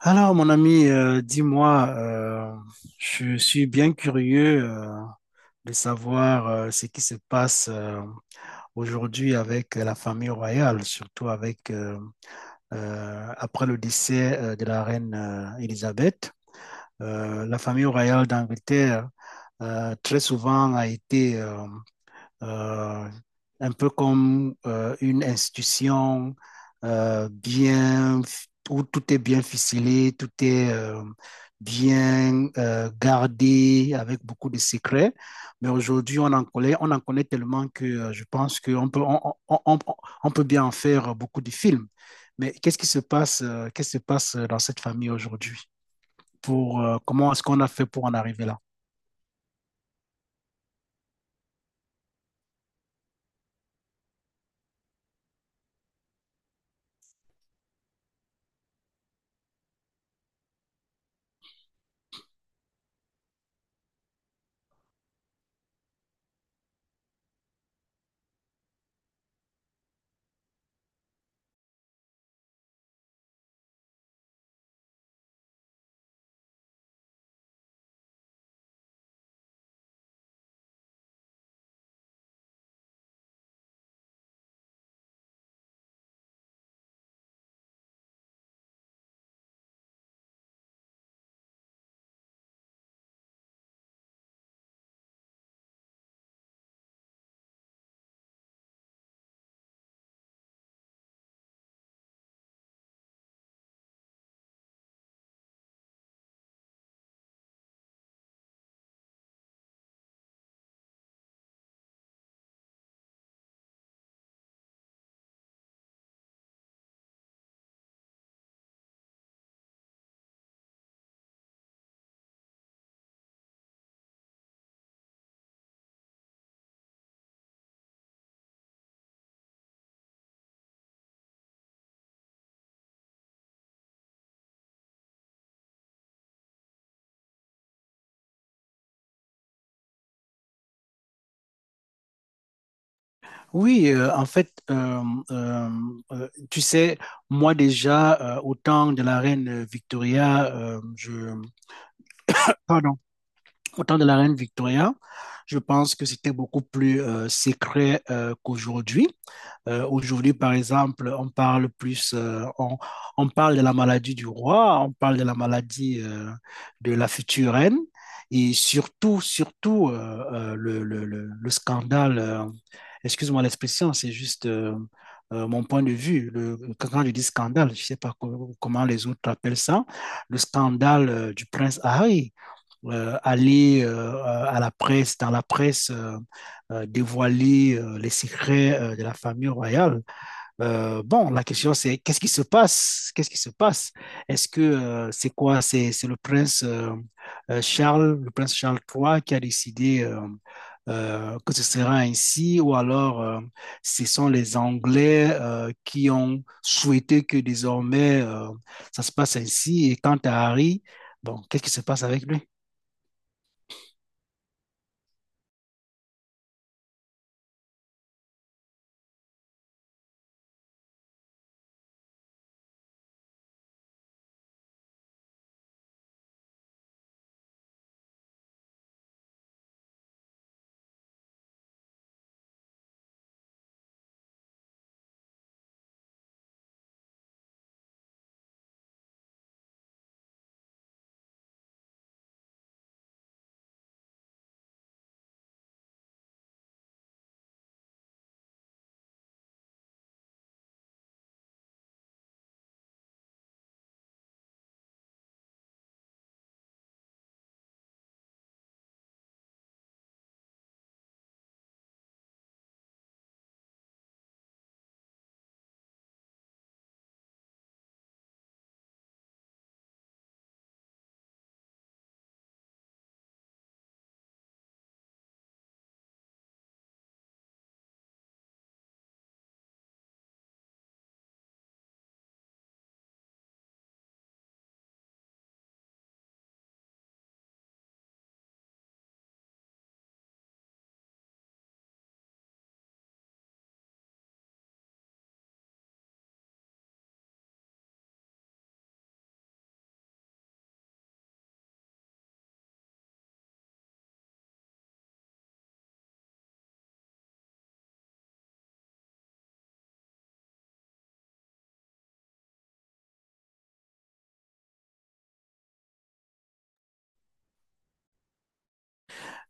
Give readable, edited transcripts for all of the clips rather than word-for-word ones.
Alors, mon ami, dis-moi, je suis bien curieux de savoir ce qui se passe aujourd'hui avec la famille royale, surtout avec après le décès de la reine Élisabeth. La famille royale d'Angleterre très souvent a été euh, un peu comme une institution bien, où tout est bien ficelé, tout est bien gardé avec beaucoup de secrets. Mais aujourd'hui, on en connaît tellement que je pense qu'on peut, on- on- on peut bien en faire beaucoup de films. Mais qu'est-ce qui se passe, qu'est-ce qui se passe dans cette famille aujourd'hui? Comment est-ce qu'on a fait pour en arriver là? Oui, euh, tu sais, moi déjà, au temps de la reine Victoria, pardon, au temps de la reine Victoria, je pense que c'était beaucoup plus secret qu'aujourd'hui. Aujourd'hui, par exemple, on parle de la maladie du roi, on parle de la maladie de la future reine et surtout, le scandale, excuse-moi l'expression, c'est juste mon point de vue. Quand je dis scandale, je ne sais pas comment les autres appellent ça, le scandale du prince Harry aller à la presse, dans la presse, dévoiler les secrets de la famille royale. Bon, la question c'est qu'est-ce qui se passe? Qu'est-ce qui se passe? Est-ce que c'est quoi? C'est le prince le prince Charles III qui a décidé que ce sera ainsi, ou alors ce sont les Anglais qui ont souhaité que désormais ça se passe ainsi. Et quant à Harry, bon, qu'est-ce qui se passe avec lui?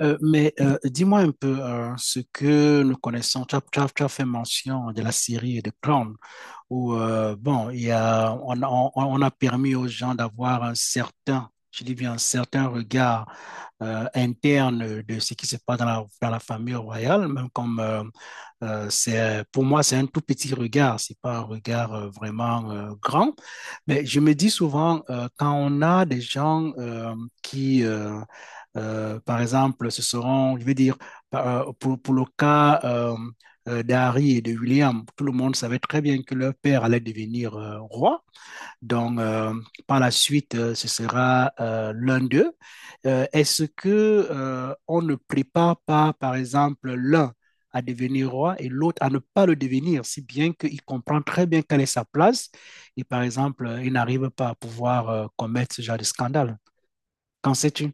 Mais dis-moi un peu ce que nous connaissons. Tu as, tu as- tu as fait mention de la série de Crown où bon, il y a, on a permis aux gens d'avoir un certain, je dis bien un certain regard interne de ce qui se passe dans la famille royale, même comme c'est, pour moi, c'est un tout petit regard, c'est pas un regard vraiment grand. Mais je me dis souvent, quand on a des gens qui, par exemple, ce seront, je vais dire, par- pour le cas d'Harry et de William, tout le monde savait très bien que leur père allait devenir roi. Donc, par la suite, ce sera l'un d'eux. Est-ce que on ne prépare pas, par exemple, l'un à devenir roi et l'autre à ne pas le devenir, si bien qu'il comprend très bien quelle est sa place et par exemple, il n'arrive pas à pouvoir commettre ce genre de scandale. Qu'en sais-tu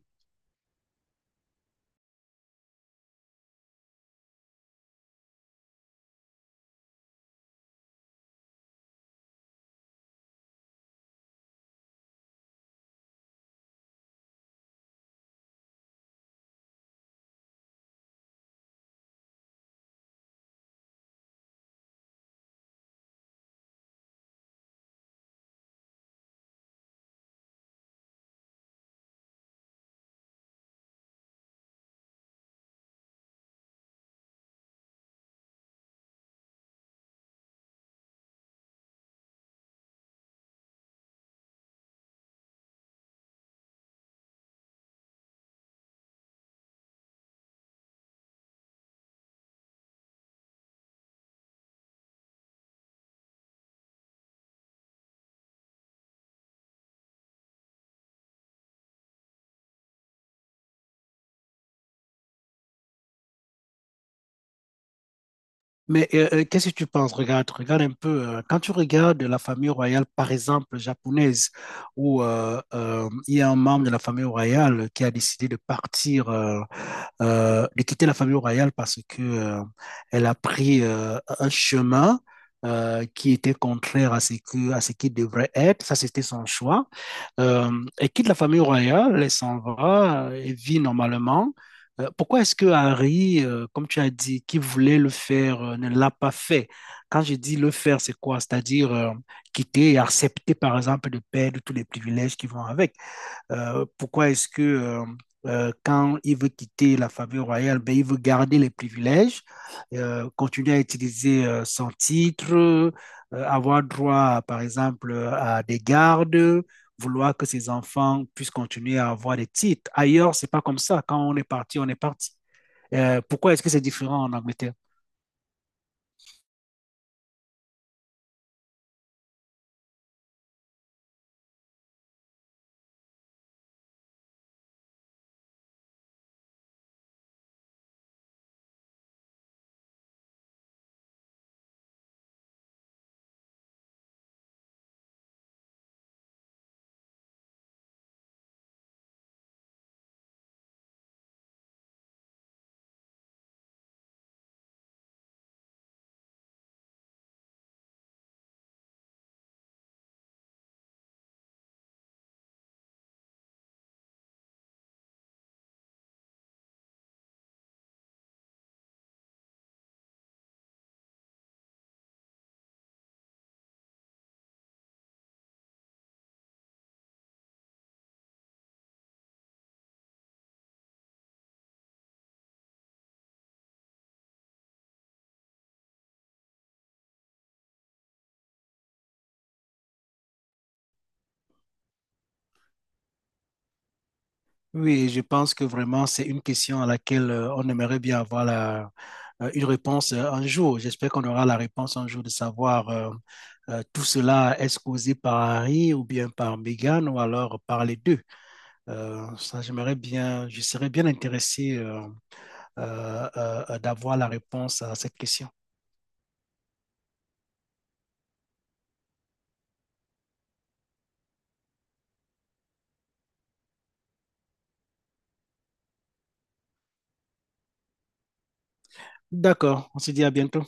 Mais qu'est-ce que tu penses? Regarde, regarde un peu. Quand tu regardes la famille royale, par exemple, japonaise, où il y a un membre de la famille royale qui a décidé de partir, de quitter la famille royale parce que elle a pris un chemin qui était contraire à ce que, à ce qui devrait être. Ça, c'était son choix et quitte la famille royale, elle s'en va et vit normalement. Pourquoi est-ce que Harry, comme tu as dit, qui voulait le faire, ne l'a pas fait? Quand je dis le faire, c'est quoi? C'est-à-dire quitter et accepter, par exemple, de perdre tous les privilèges qui vont avec. Pourquoi est-ce que quand il veut quitter la famille royale, ben, il veut garder les privilèges, continuer à utiliser son titre, avoir droit, par exemple, à des gardes, vouloir que ses enfants puissent continuer à avoir des titres. Ailleurs, c'est pas comme ça. Quand on est parti, on est parti. Pourquoi est-ce que c'est différent en Angleterre? Oui, je pense que vraiment, c'est une question à laquelle on aimerait bien avoir la, une réponse un jour. J'espère qu'on aura la réponse un jour de savoir tout cela est-ce causé par Harry ou bien par Meghan ou alors par les deux. Ça, j'aimerais bien, je serais bien intéressé d'avoir la réponse à cette question. D'accord, on se dit à bientôt.